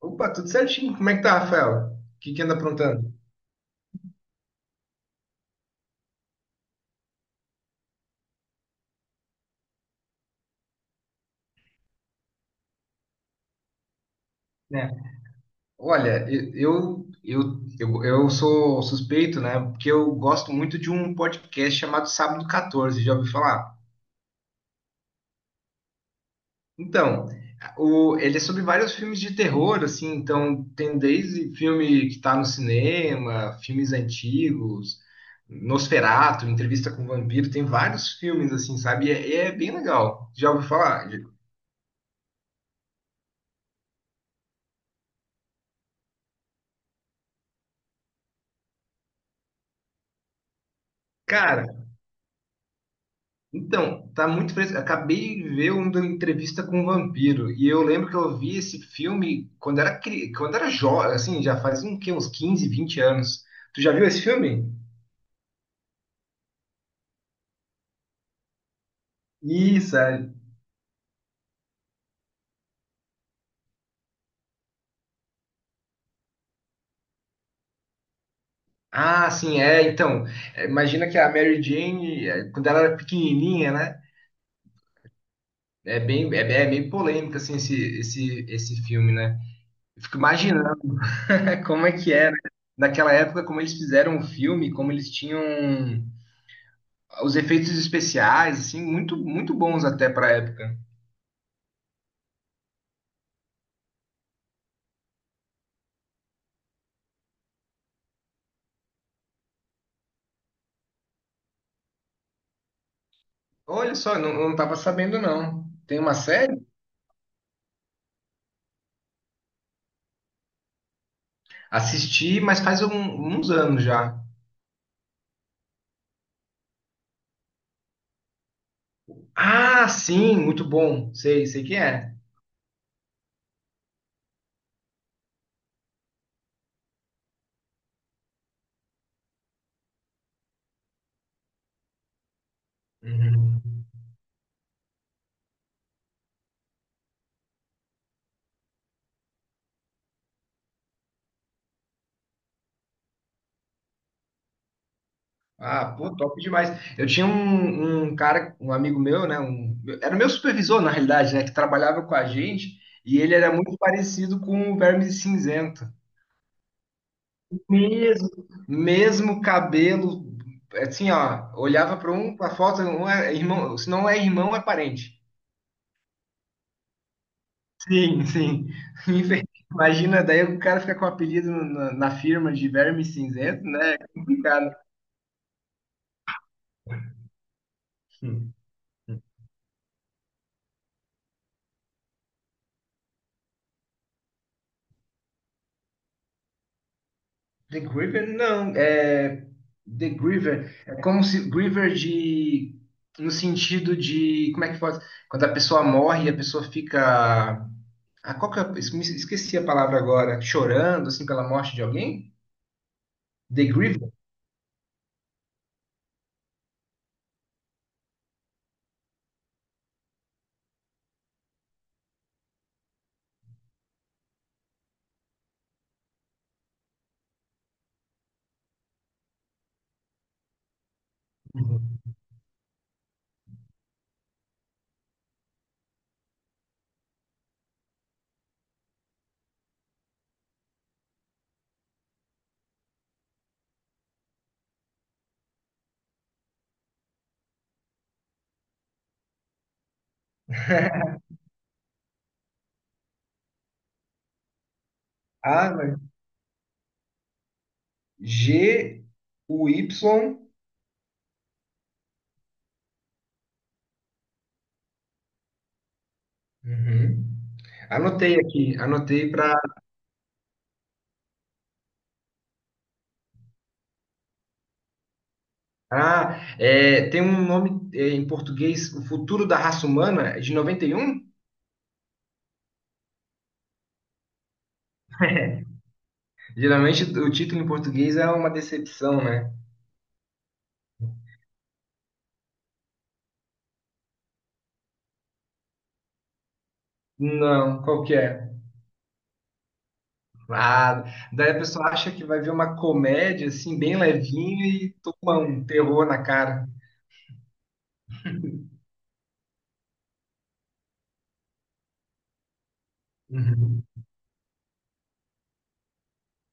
Opa, tudo certinho. Como é que tá, Rafael? O que que anda aprontando? Né? Olha, eu, eu, eu sou suspeito, né? Porque eu gosto muito de um podcast chamado Sábado 14, já ouviu falar? Então, ele é sobre vários filmes de terror, assim, então tem desde filme que tá no cinema, filmes antigos, Nosferatu, Entrevista com o Vampiro, tem vários filmes, assim, sabe? É bem legal. Já ouviu falar? Cara, então, tá muito fresco. Acabei de ver uma entrevista com um vampiro e eu lembro que eu vi esse filme quando era quando era jovem, assim, já faz um quê? Uns 15, 20 anos. Tu já viu esse filme? Isso, é. Ah, sim, é. Então, é, imagina que a Mary Jane, é, quando ela era pequenininha, né? É bem polêmico assim esse filme, né? Eu fico imaginando como é que era naquela época, como eles fizeram o filme, como eles tinham os efeitos especiais, assim, muito bons até pra época. Olha só, não, não tava sabendo, não. Tem uma série? Assisti, mas faz uns anos já. Ah, sim, muito bom. Sei quem é. Uhum. Ah, pô, top demais. Eu tinha um cara, um amigo meu, né? Era o meu supervisor, na realidade, né? Que trabalhava com a gente, e ele era muito parecido com o Verme Cinzento. Mesmo, mesmo cabelo, assim, ó, olhava para um, para a foto, um é irmão, se não é irmão, é parente. Sim, sim. Infe- Imagina, daí o cara fica com o apelido na firma de Verme Cinzento, né? É complicado. Hum, hum. The Griever, não, é The Griever, é como se Griever de no sentido de como é que faz? Quando a pessoa morre, a pessoa fica ah, qual que é, esqueci a palavra agora, chorando assim pela morte de alguém? The Grievous. Uhum. Ah, mas G-U-Y. Uhum. Anotei aqui, anotei para. Ah, é, tem um nome é, em português, O Futuro da Raça Humana, é de 91? Geralmente o título em português é uma decepção, né? Não, qual que é? Ah, daí a pessoa acha que vai ver uma comédia, assim, bem levinha e toma um terror na cara. Uhum.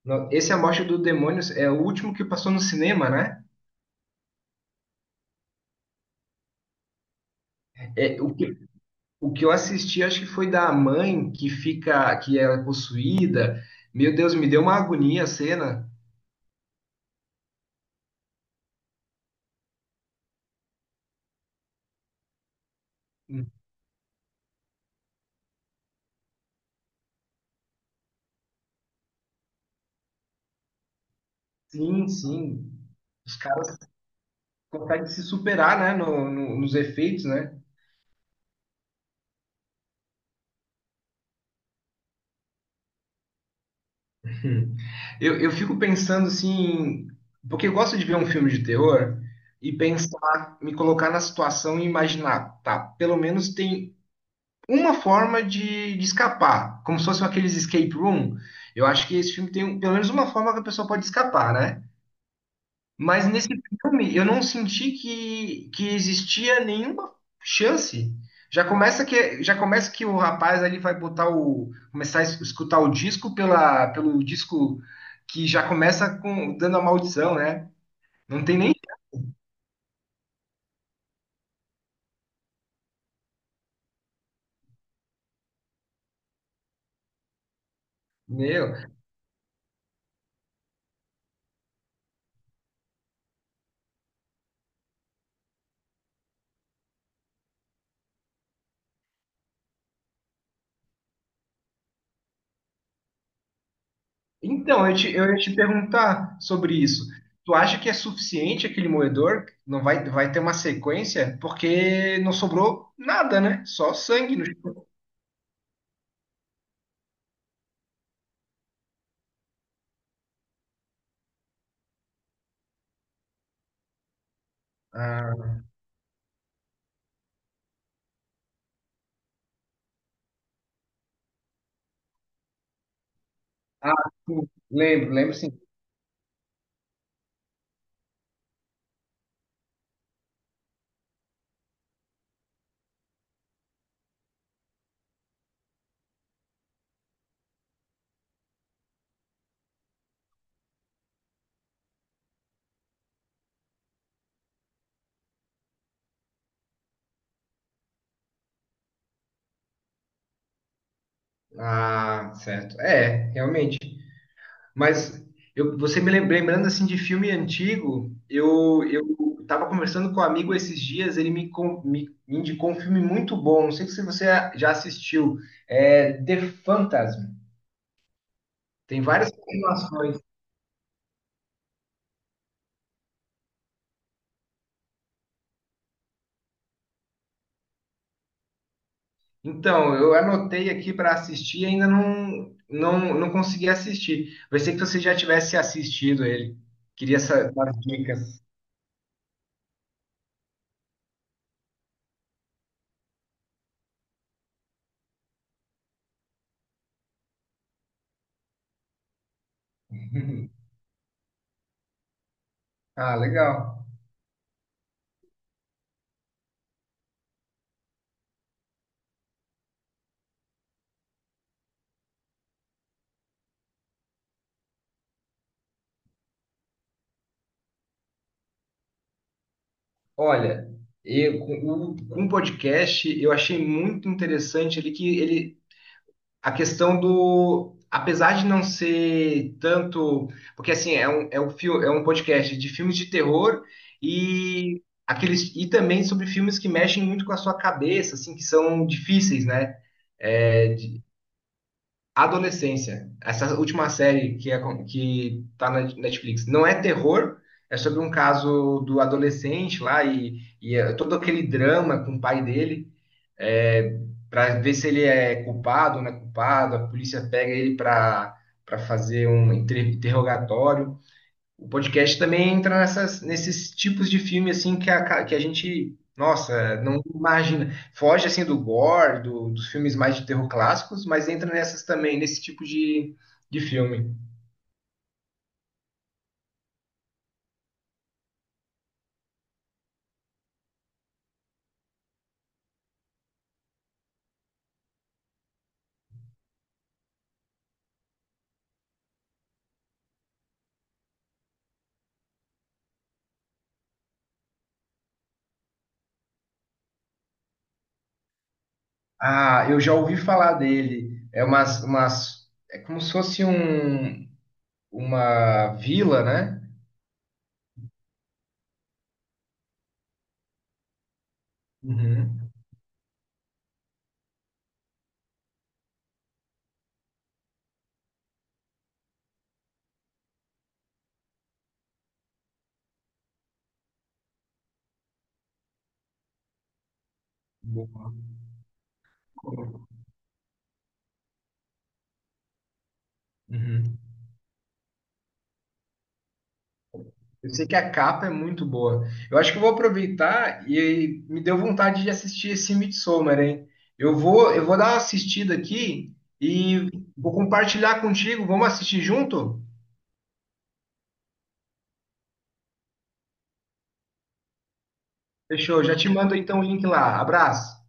No- Esse é A Morte do Demônio é o último que passou no cinema, né? É, o que eu assisti, acho que foi da mãe que fica, que ela é possuída. Meu Deus, me deu uma agonia a cena. Sim, sim. Os caras conseguem se superar, né, nos efeitos, né? Hum. Eu fico pensando assim, porque eu gosto de ver um filme de terror e pensar, me colocar na situação e imaginar, tá, pelo menos tem uma forma de escapar, como se fossem aqueles escape room. Eu acho que esse filme tem pelo menos uma forma que a pessoa pode escapar, né? Mas nesse filme eu não senti que existia nenhuma chance. Já começa que o rapaz ali vai botar o começar a escutar o disco pela pelo disco que já começa com dando a maldição, né? Não tem nem meu. Então, eu ia te perguntar sobre isso. Tu acha que é suficiente aquele moedor? Não vai, vai ter uma sequência? Porque não sobrou nada, né? Só sangue no chão. Ah, ah, sim. Lembro, lembro sim. Ah, certo. É, realmente. Mas eu, você lembrando assim de filme antigo, eu estava conversando com um amigo esses dias, ele me, me indicou um filme muito bom. Não sei se você já assistiu. É The Phantasm. Tem várias continuações. Então, eu anotei aqui para assistir e ainda não não consegui assistir. Pensei que você já tivesse assistido ele. Queria saber as dicas. Ah, legal. Olha, eu, com com o podcast, eu achei muito interessante ali que ele a questão do. Apesar de não ser tanto. Porque assim, é um podcast de filmes de terror e aqueles e também sobre filmes que mexem muito com a sua cabeça, assim, que são difíceis, né? É, de- adolescência. Essa última série que tá na Netflix não é terror, é sobre um caso do adolescente lá e é todo aquele drama com o pai dele é, para ver se ele é culpado ou não é culpado. A polícia pega ele para fazer um interrogatório. O podcast também entra nesses tipos de filme assim que a gente, nossa, não imagina. Foge assim do gore, dos filmes mais de terror clássicos, mas entra nessas também, nesse tipo de filme. Ah, eu já ouvi falar dele. É como se fosse uma vila, né? Uhum. Boa. Uhum. Eu sei que a capa é muito boa. Eu acho que eu vou aproveitar e aí me deu vontade de assistir esse Midsommar, hein? Eu vou dar uma assistida aqui e vou compartilhar contigo. Vamos assistir junto? Fechou, já te mando então o link lá. Abraço.